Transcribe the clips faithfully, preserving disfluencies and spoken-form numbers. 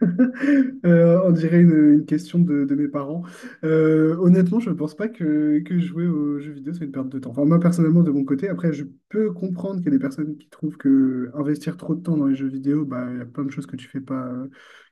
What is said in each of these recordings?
Euh, on dirait une, une question de, de mes parents. Euh, honnêtement, je ne pense pas que, que jouer aux jeux vidéo, c'est une perte de temps. Enfin, moi, personnellement, de mon côté, après, je peux comprendre qu'il y a des personnes qui trouvent que investir trop de temps dans les jeux vidéo, bah, il y a plein de choses que tu fais pas,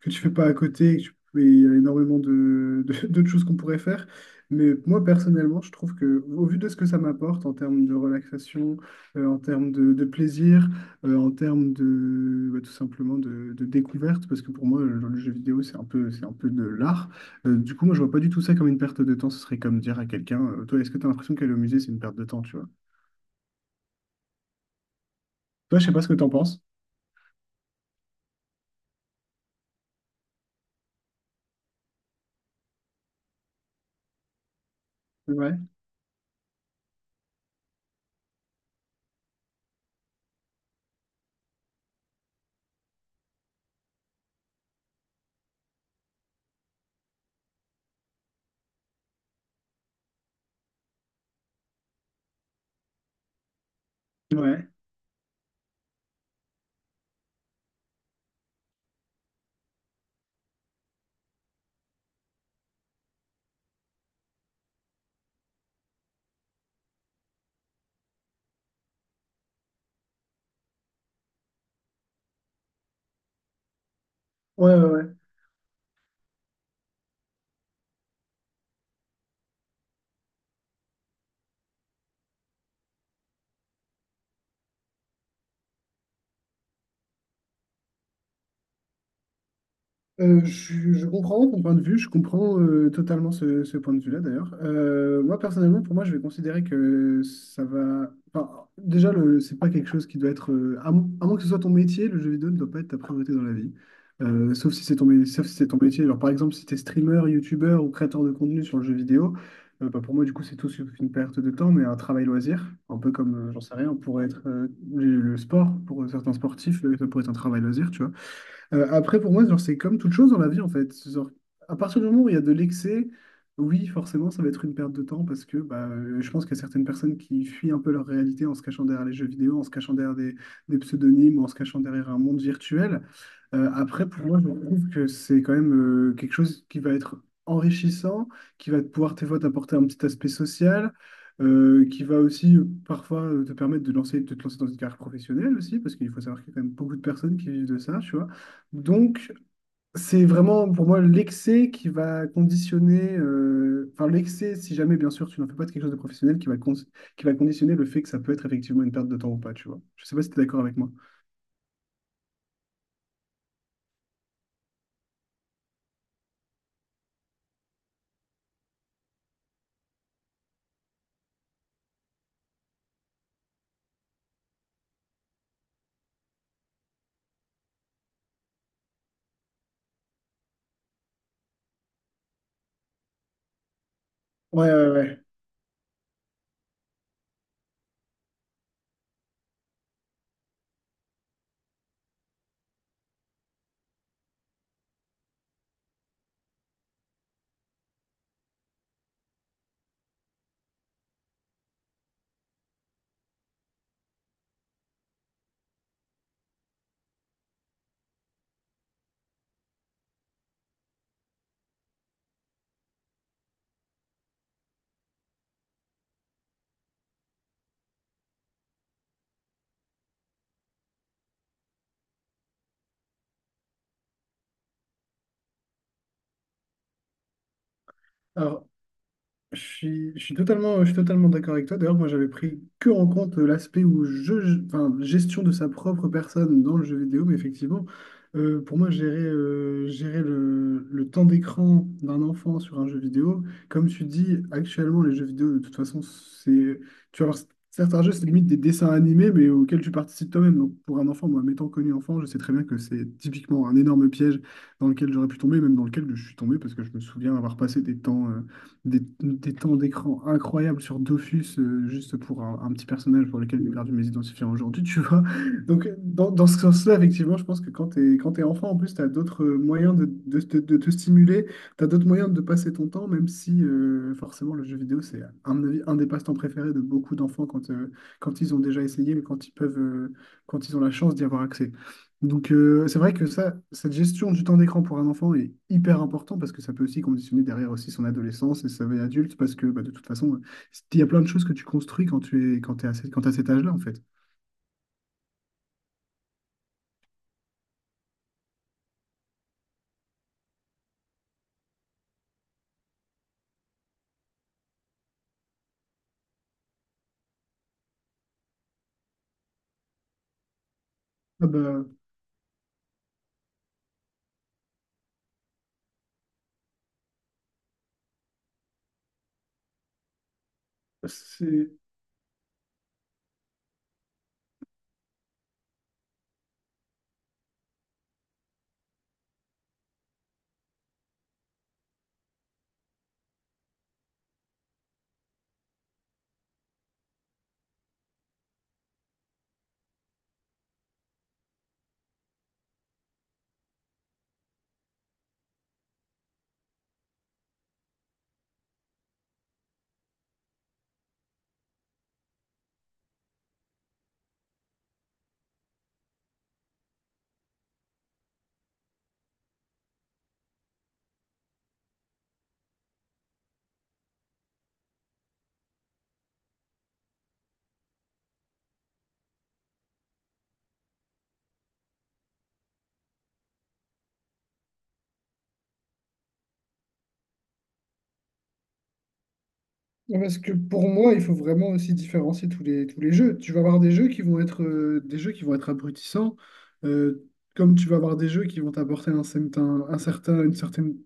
que tu fais pas à côté, et que tu- et il y a énormément de, de- d'autres choses qu'on pourrait faire. Mais moi, personnellement, je trouve que, au vu de ce que ça m'apporte en termes de relaxation, euh, en termes de, de plaisir, euh, en termes de bah, tout simplement de, de découverte, parce que pour moi, le, le jeu vidéo, c'est un peu, c'est un peu de l'art. Euh, du coup, moi, je vois pas du tout ça comme une perte de temps. Ce serait comme dire à quelqu'un, euh, toi, est-ce que tu as l'impression qu'aller au musée, c'est une perte de temps, tu vois? Toi, je sais pas ce que tu en penses. Ouais, ouais, ouais, ouais, ouais. Euh, je, je comprends ton point de vue, je comprends euh, totalement ce, ce point de vue-là d'ailleurs. Euh, moi personnellement, pour moi, je vais considérer que ça va. Enfin, déjà, le, c'est pas quelque chose qui doit être. euh, à, mo- à moins que ce soit ton métier, le jeu vidéo ne doit pas être ta priorité dans la vie. Euh, sauf si c'est ton, mé- sauf si c'est ton métier. Genre, par exemple, si tu es streamer, youtubeur ou créateur de contenu sur le jeu vidéo, euh, bah, pour moi, du coup, c'est tout sauf une perte de temps, mais un travail loisir. Un peu comme, euh, j'en sais rien, pourrait être euh, le, le sport, pour certains sportifs, euh, ça pourrait être un travail loisir, tu vois. Euh, après, pour moi, genre, c'est comme toute chose dans la vie, en fait. Genre, à partir du moment où il y a de l'excès, oui, forcément, ça va être une perte de temps parce que bah, euh, je pense qu'il y a certaines personnes qui fuient un peu leur réalité en se cachant derrière les jeux vidéo, en se cachant derrière des, des pseudonymes, en se cachant derrière un monde virtuel. Euh, après, pour moi, je trouve que c'est quand même euh, quelque chose qui va être enrichissant, qui va pouvoir tes fois t'apporter un petit aspect social, euh, qui va aussi euh, parfois euh, te permettre de lancer, de te lancer dans une carrière professionnelle aussi, parce qu'il faut savoir qu'il y a quand même beaucoup de personnes qui vivent de ça, tu vois. Donc, c'est vraiment pour moi l'excès qui va conditionner, euh, enfin l'excès, si jamais bien sûr tu n'en fais pas de quelque chose de professionnel, qui va, con- qui va conditionner le fait que ça peut être effectivement une perte de temps ou pas, tu vois. Je sais pas si tu es d'accord avec moi. Ouais, ouais, ouais. Alors, Je suis, je suis totalement, je suis totalement d'accord avec toi. D'ailleurs, moi, j'avais pris que en compte euh, l'aspect où je, enfin, gestion de sa propre personne dans le jeu vidéo, mais effectivement, euh, pour moi, gérer, euh, gérer le, le temps d'écran d'un enfant sur un jeu vidéo, comme tu dis, actuellement, les jeux vidéo, de toute façon, c'est, tu vas voir, certains jeux, c'est limite des dessins animés, mais auxquels tu participes toi-même. Donc, pour un enfant, moi, m'étant connu enfant, je sais très bien que c'est typiquement un énorme piège dans lequel j'aurais pu tomber, même dans lequel je suis tombé, parce que je me souviens avoir passé des temps. euh, des, des temps d'écran incroyables sur Dofus, euh, juste pour un, un petit personnage pour lequel j'ai perdu mes identifiants aujourd'hui, tu vois. Donc, dans, dans ce sens-là, effectivement, je pense que quand t'es, quand t'es enfant, en plus, t'as d'autres euh, moyens de, de, te de te stimuler, t'as d'autres moyens de passer ton temps, même si, euh, forcément, le jeu vidéo, c'est, à mon avis, un des passe-temps préférés de beaucoup d'enfants quand, euh, quand ils ont déjà essayé, mais quand ils peuvent, euh, quand ils ont la chance d'y avoir accès. Donc, euh, c'est vrai que ça, cette gestion du temps d'écran pour un enfant est hyper important parce que ça peut aussi conditionner derrière aussi son adolescence et sa vie adulte parce que bah, de toute façon, il y a plein de choses que tu construis quand tu es, quand t'es à, cet- quand t'as cet âge-là, en fait. Ah bah, c'est- ouais, parce que pour moi, il faut vraiment aussi différencier tous les, tous les jeux. Tu vas avoir des jeux qui vont être, euh, des jeux qui vont être abrutissants, euh, comme tu vas avoir des jeux qui vont t'apporter un certain, un certain, une certaine,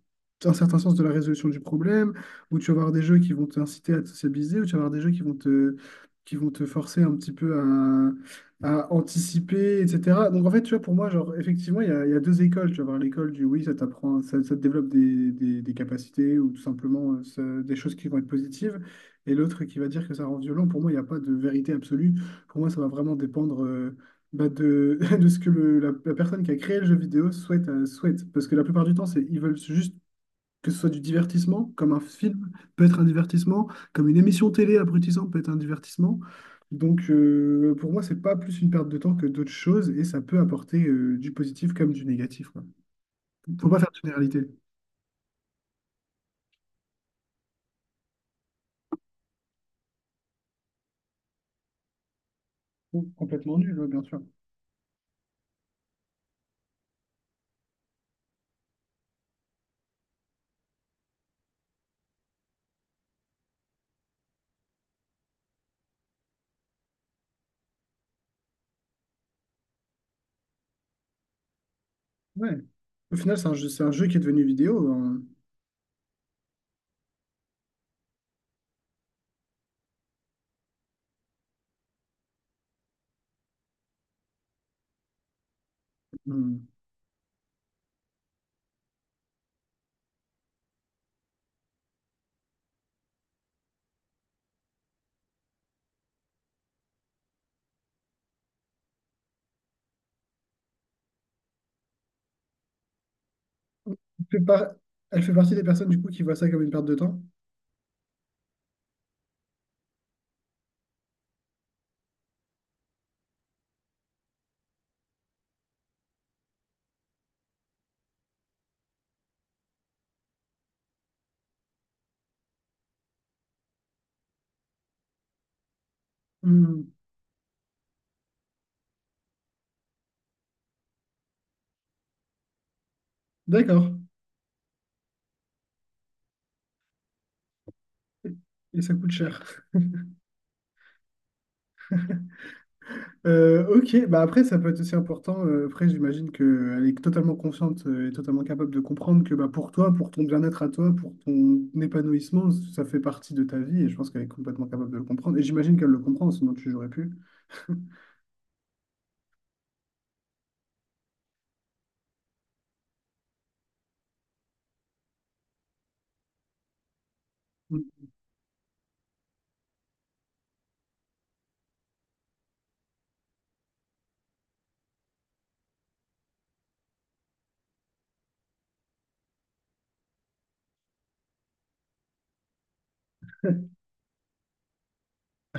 un certain sens de la résolution du problème, ou tu vas avoir des jeux qui vont t'inciter à te sociabiliser, ou tu vas avoir des jeux qui vont te, qui vont te forcer un petit peu à, à anticiper, et cetera. Donc en fait, tu vois, pour moi, genre, effectivement, il y a, il y a deux écoles. Tu vas avoir l'école du oui, ça t'apprend, ça, ça te développe des, des- des capacités, ou tout simplement euh, ça- des choses qui vont être positives et l'autre qui va dire que ça rend violent. Pour moi, il n'y a pas de vérité absolue. Pour moi, ça va vraiment dépendre euh, bah, de, de ce que le- la, la personne qui a créé le jeu vidéo souhaite, euh, souhaite. Parce que la plupart du temps, c'est, ils veulent juste que ce soit du divertissement, comme un film peut être un divertissement, comme une émission télé abrutissante peut être un divertissement. Donc, euh, pour moi, c'est pas plus une perte de temps que d'autres choses et ça peut apporter euh, du positif comme du négatif, quoi. Faut pas faire de généralité. Complètement nul, ouais, bien sûr. Ouais. Au final, c'est un jeu, c'est un jeu qui est devenu vidéo. hein. Mmh. fait par- Elle fait partie des personnes du coup qui voient ça comme une perte de temps. Hmm. D'accord. Et et ça coûte cher. Euh, OK, bah après ça peut être aussi important. Euh, après j'imagine qu'elle est totalement consciente euh, et totalement capable de comprendre que bah, pour toi, pour ton bien-être à toi, pour ton épanouissement, ça fait partie de ta vie et je pense qu'elle est complètement capable de le comprendre. Et j'imagine qu'elle le comprend, sinon tu n'aurais plus.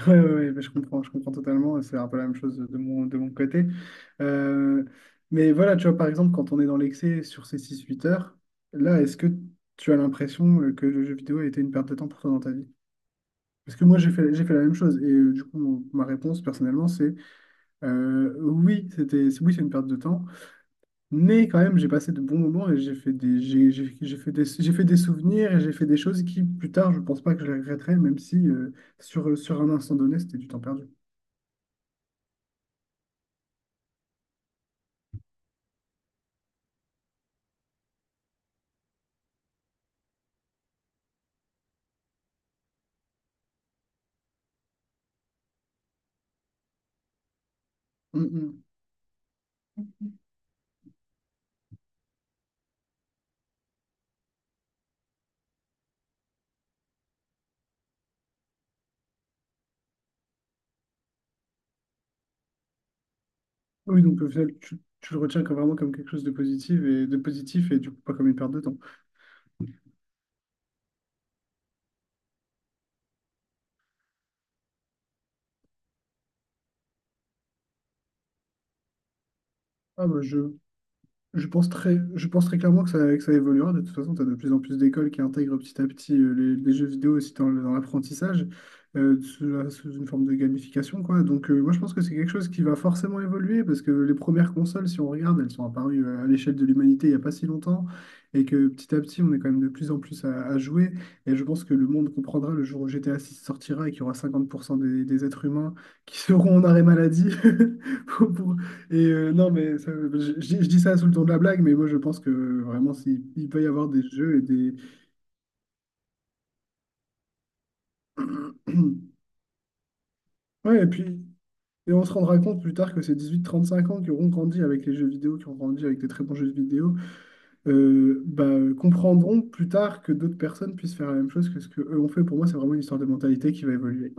Ouais, ouais, ouais, mais je comprends, je comprends totalement. C'est un peu la même chose de mon, de mon côté. Euh, mais voilà, tu vois, par exemple, quand on est dans l'excès sur ces six huit heures, là, est-ce que tu as l'impression euh, que le jeu vidéo a été une perte de temps pour toi dans ta vie? Parce que moi, j'ai fait, j'ai fait la même chose. Et euh, du coup, mon- ma réponse, personnellement, c'est euh, oui, c'était, c'est- oui, c'est une perte de temps. Mais quand même, j'ai passé de bons moments et j'ai fait des, j'ai, j'ai- j'ai fait des, j'ai fait des souvenirs et j'ai fait des choses qui, plus tard, je pense pas que je les regretterai, même si euh, sur, sur un instant donné, c'était du temps perdu. Mm, mm. Oui, donc au final, tu, tu le retiens comme vraiment comme quelque chose de positif et de positif et du coup pas comme une perte de temps. Ah bah je, Je pense très, je pense très, clairement que ça, que ça évoluera. De toute façon, tu as de plus en plus d'écoles qui intègrent petit à petit euh, les, les jeux vidéo aussi dans, le- dans l'apprentissage, euh, sous, la- sous une forme de gamification, quoi. Donc, euh, moi, je pense que c'est quelque chose qui va forcément évoluer parce que les premières consoles, si on regarde, elles sont apparues euh, à l'échelle de l'humanité il n'y a pas si longtemps et que petit à petit, on est quand même de plus en plus à, à jouer. Et je pense que le monde comprendra le jour où G T A six sortira et qu'il y aura cinquante pour cent des, des êtres humains qui seront en arrêt maladie pour, pour et euh, non, mais ça- je, je dis ça sous le ton de la blague, mais moi je pense que euh, vraiment, s'il, il peut y avoir des jeux et des. Ouais, et puis et on se rendra compte plus tard que ces dix-huit trente-cinq ans qui auront grandi avec les jeux vidéo, qui ont grandi avec des très bons jeux vidéo, euh, bah, comprendront plus tard que d'autres personnes puissent faire la même chose que ce qu'eux ont fait. Pour moi, c'est vraiment une histoire de mentalité qui va évoluer.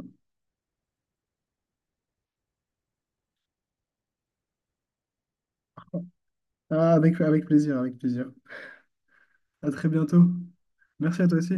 Ah, avec, avec plaisir, avec plaisir. À très bientôt. Merci à toi aussi.